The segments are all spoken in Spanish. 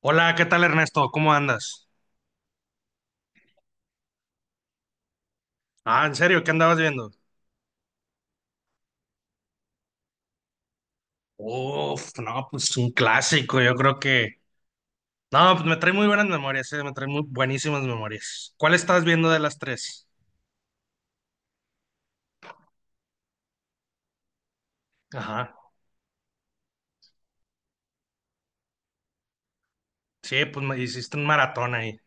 Hola, ¿qué tal Ernesto? ¿Cómo andas? Ah, ¿en serio? ¿Qué andabas viendo? Uf, no, pues un clásico, yo creo que. No, pues me trae muy buenas memorias, me trae muy buenísimas memorias. ¿Cuál estás viendo de las tres? Ajá. Sí, pues me hiciste un maratón ahí.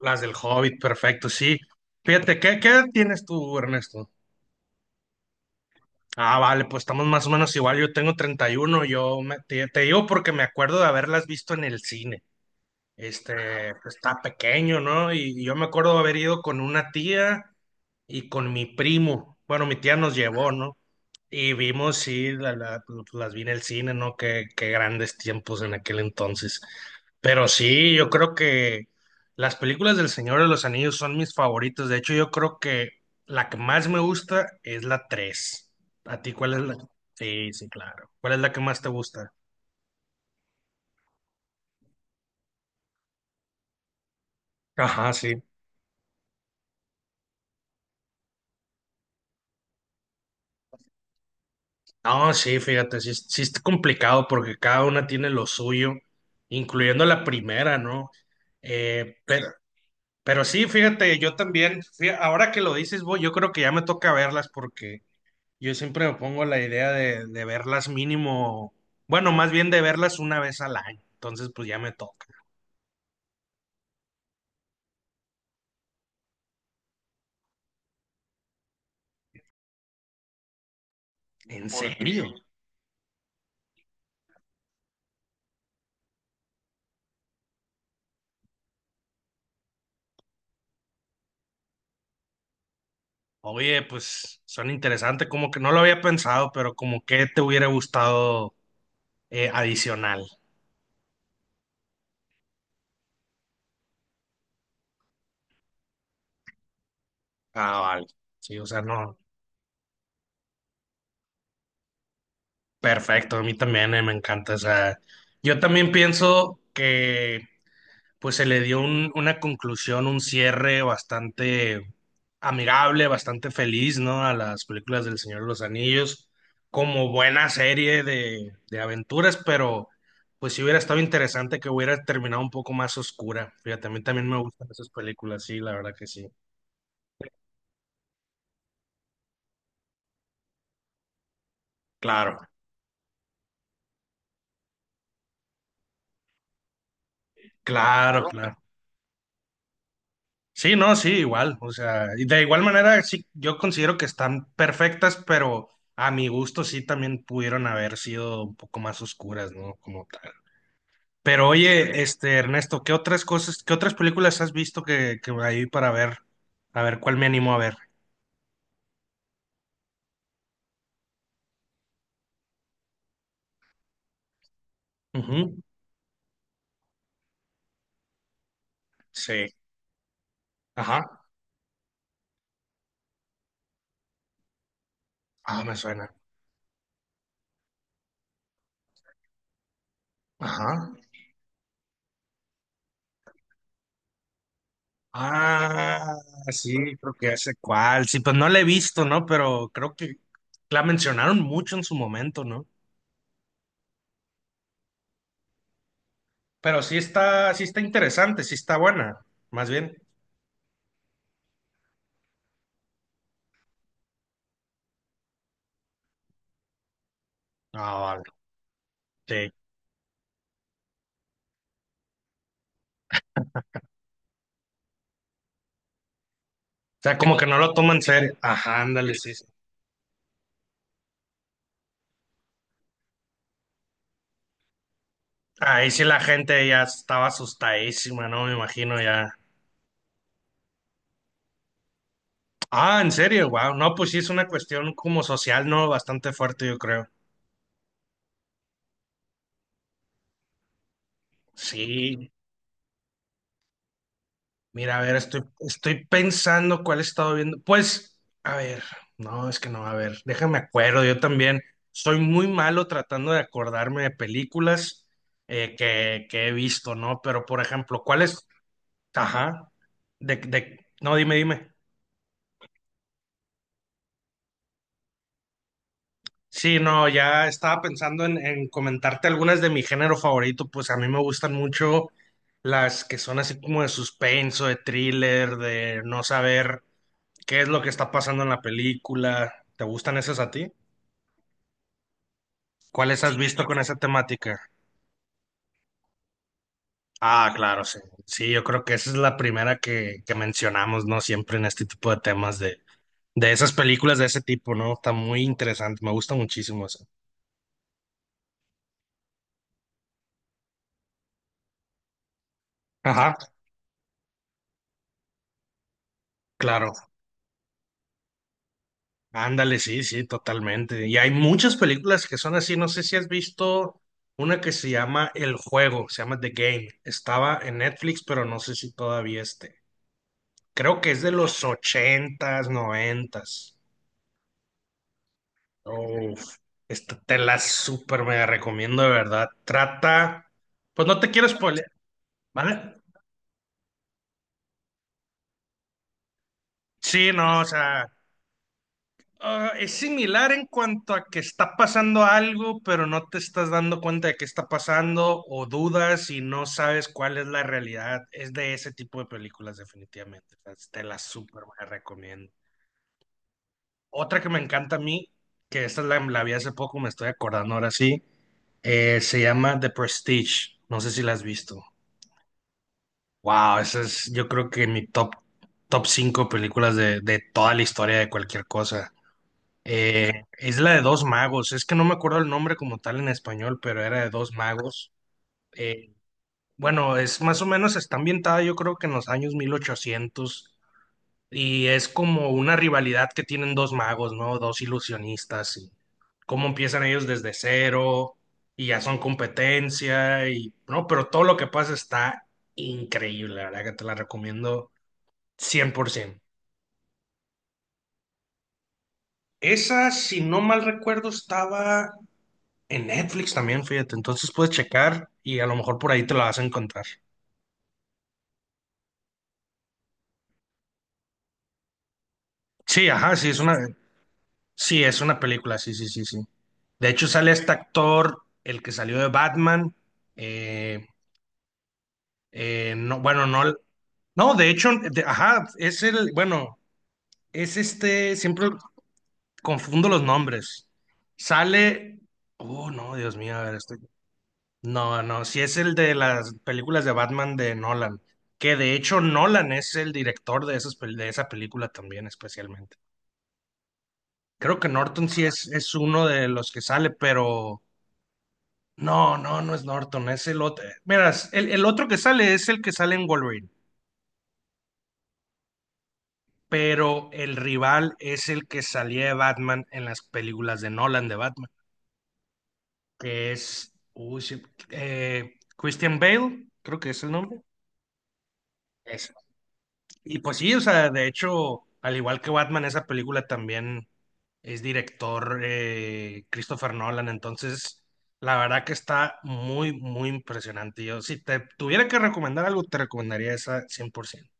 Las del Hobbit, perfecto, sí. Fíjate, ¿qué edad tienes tú, Ernesto? Ah, vale, pues estamos más o menos igual, yo tengo 31, te digo porque me acuerdo de haberlas visto en el cine. Este, pues, está pequeño, ¿no? Y yo me acuerdo haber ido con una tía y con mi primo. Bueno, mi tía nos llevó, ¿no? Y vimos, sí, pues, las vi en el cine, ¿no? Qué grandes tiempos en aquel entonces. Pero sí, yo creo que las películas del Señor de los Anillos son mis favoritas. De hecho, yo creo que la que más me gusta es la 3. ¿A ti cuál es la? Sí, sí, claro. ¿Cuál es la que más te gusta? Ajá, sí. No, sí, fíjate, sí, sí está complicado porque cada una tiene lo suyo, incluyendo la primera, ¿no? Pero, sí, fíjate, yo también, ahora que lo dices, voy yo creo que ya me toca verlas porque yo siempre me pongo la idea de verlas mínimo, bueno, más bien de verlas una vez al año, entonces pues ya me toca. ¿En serio? Oye, pues son interesantes, como que no lo había pensado, pero como que te hubiera gustado adicional. Ah, vale. Sí, o sea, no. Perfecto, a mí también me encanta. O sea, yo también pienso que pues se le dio una conclusión, un cierre bastante amigable, bastante feliz, ¿no? A las películas del Señor de los Anillos, como buena serie de aventuras, pero pues sí hubiera estado interesante que hubiera terminado un poco más oscura. Fíjate, a mí también me gustan esas películas, sí, la verdad que sí. Claro, claro, claro. Sí, no, sí, igual. O sea, y de igual manera, sí, yo considero que están perfectas, pero a mi gusto sí también pudieron haber sido un poco más oscuras, ¿no? Como tal. Pero oye, este, Ernesto, ¿qué otras cosas, qué otras películas has visto que ahí para ver, a ver cuál me animo a ver? Ujú. Sí. Ajá. Ah, me suena. Ajá. Ah, sí, creo que ya sé cuál. Sí, pues no la he visto, ¿no? Pero creo que la mencionaron mucho en su momento, ¿no? Pero sí está interesante, sí está buena, más bien. Ah, vale, sí. O sea, como que no lo toma en serio. Ajá, ándale, sí, sí. Ahí sí la gente ya estaba asustadísima, ¿no? Me imagino ya. Ah, en serio, wow. No, pues sí es una cuestión como social, ¿no? Bastante fuerte, yo creo. Sí. Mira, a ver, estoy pensando cuál he estado viendo. Pues, a ver, no, es que no, a ver, déjame acuerdo, yo también soy muy malo tratando de acordarme de películas que he visto, ¿no? Pero, por ejemplo, ¿cuál es? Ajá, no, dime, dime. Sí, no, ya estaba pensando en comentarte algunas de mi género favorito, pues a mí me gustan mucho las que son así como de suspenso, de thriller, de no saber ¿qué es lo que está pasando en la película? ¿Te gustan esas a ti? ¿Cuáles has sí, visto con esa temática? Ah, claro, sí. Sí, yo creo que esa es la primera que mencionamos, ¿no? Siempre en este tipo de temas de esas películas de ese tipo, ¿no? Está muy interesante, me gusta muchísimo eso. Ajá, claro. Ándale, sí, sí, totalmente. Y hay muchas películas que son así. No sé si has visto una que se llama El Juego, se llama The Game. Estaba en Netflix, pero no sé si todavía esté. Creo que es de los ochentas, noventas. Uf, esta te la súper mega recomiendo, de verdad. Trata, pues no te quiero spoiler, ¿vale? Sí, no, o sea, ah, es similar en cuanto a que está pasando algo, pero no te estás dando cuenta de qué está pasando o dudas y no sabes cuál es la realidad. Es de ese tipo de películas, definitivamente. O sea, te la súper mega recomiendo. Otra que me encanta a mí, que esta la vi hace poco, me estoy acordando ahora sí. Se llama The Prestige. No sé si la has visto. Wow, esa es, yo creo que en mi top, 5 películas de toda la historia de cualquier cosa. Eh, es la de dos magos. Es que no me acuerdo el nombre como tal en español, pero era de dos magos. Eh, bueno, es más o menos, está ambientada yo creo que en los años 1800. Y es como una rivalidad que tienen dos magos, ¿no? Dos ilusionistas y cómo empiezan ellos desde cero y ya son competencia y no, pero todo lo que pasa está increíble, la verdad que te la recomiendo 100%. Esa, si no mal recuerdo, estaba en Netflix también, fíjate, entonces puedes checar y a lo mejor por ahí te la vas a encontrar. Sí, ajá, sí, es una película, sí, sí, sí, sí. De hecho, sale este actor, el que salió de Batman. eh, no, bueno, no, no, de hecho, ajá, es el, bueno, es este, siempre confundo los nombres. Sale, oh, no, Dios mío, a ver, no, no, si es el de las películas de Batman de Nolan, que de hecho Nolan es el director de esas, de esa película también, especialmente. Creo que Norton sí es uno de los que sale, pero no, no, no es Norton, es el otro. Miras, el otro que sale es el que sale en Wolverine. Pero el rival es el que salía de Batman en las películas de Nolan de Batman, que es uy, sí, Christian Bale, creo que es el nombre. Ese. Y pues sí, o sea, de hecho, al igual que Batman, esa película también es director Christopher Nolan, entonces la verdad que está muy, muy impresionante. Yo, si te tuviera que recomendar algo, te recomendaría esa 100%.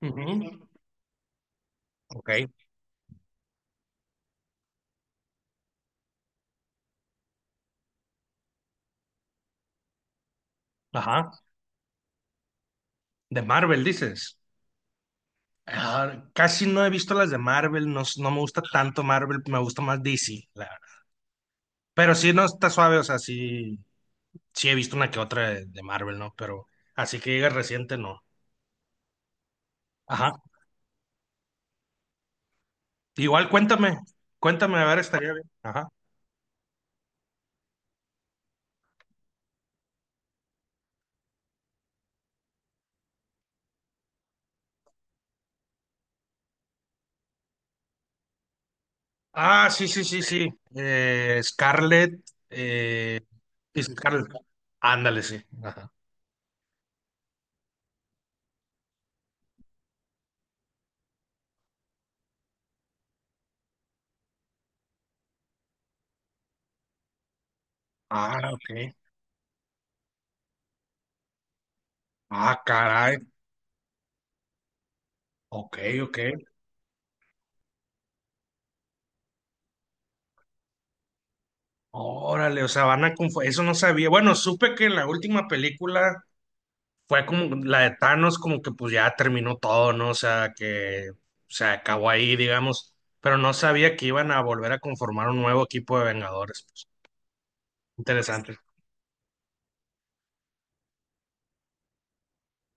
Ujú. Ok, ajá. De Marvel, dices. Ah, casi no he visto las de Marvel, no, no me gusta tanto Marvel, me gusta más DC, la verdad. Pero sí, no está suave, o sea, sí, sí he visto una que otra de Marvel, ¿no? Pero así que llega reciente, no. Ajá. Igual cuéntame, cuéntame, a ver, estaría bien. Ajá. Ah, sí, sí, sí, sí. Scarlett, eh, sí, Scarlett. Ándale, sí. Ajá. Ah, ok. Ah, caray. Ok, ok. Órale, o sea, van a confundir. Eso no sabía. Bueno, supe que en la última película fue como la de Thanos, como que pues ya terminó todo, ¿no? O sea, que se acabó ahí, digamos, pero no sabía que iban a volver a conformar un nuevo equipo de Vengadores. Pues, interesante.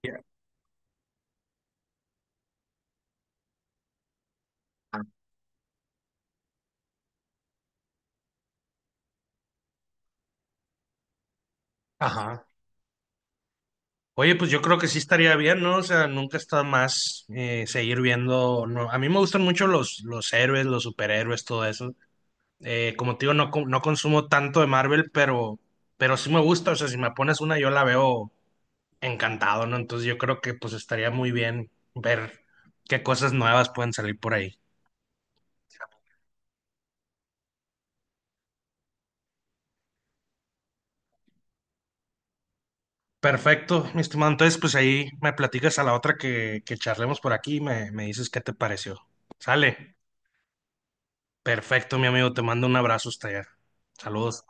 Ya. Ajá. Oye, pues yo creo que sí estaría bien, ¿no? O sea, nunca está más seguir viendo. No. A mí me gustan mucho los héroes, los superhéroes, todo eso. Como te digo, no, no consumo tanto de Marvel, pero, sí me gusta. O sea, si me pones una, yo la veo encantado, ¿no? Entonces yo creo que pues estaría muy bien ver qué cosas nuevas pueden salir por ahí. Perfecto, mi estimado. Entonces, pues ahí me platicas a la otra que charlemos por aquí y me dices qué te pareció. Sale. Perfecto, mi amigo. Te mando un abrazo hasta allá. Saludos.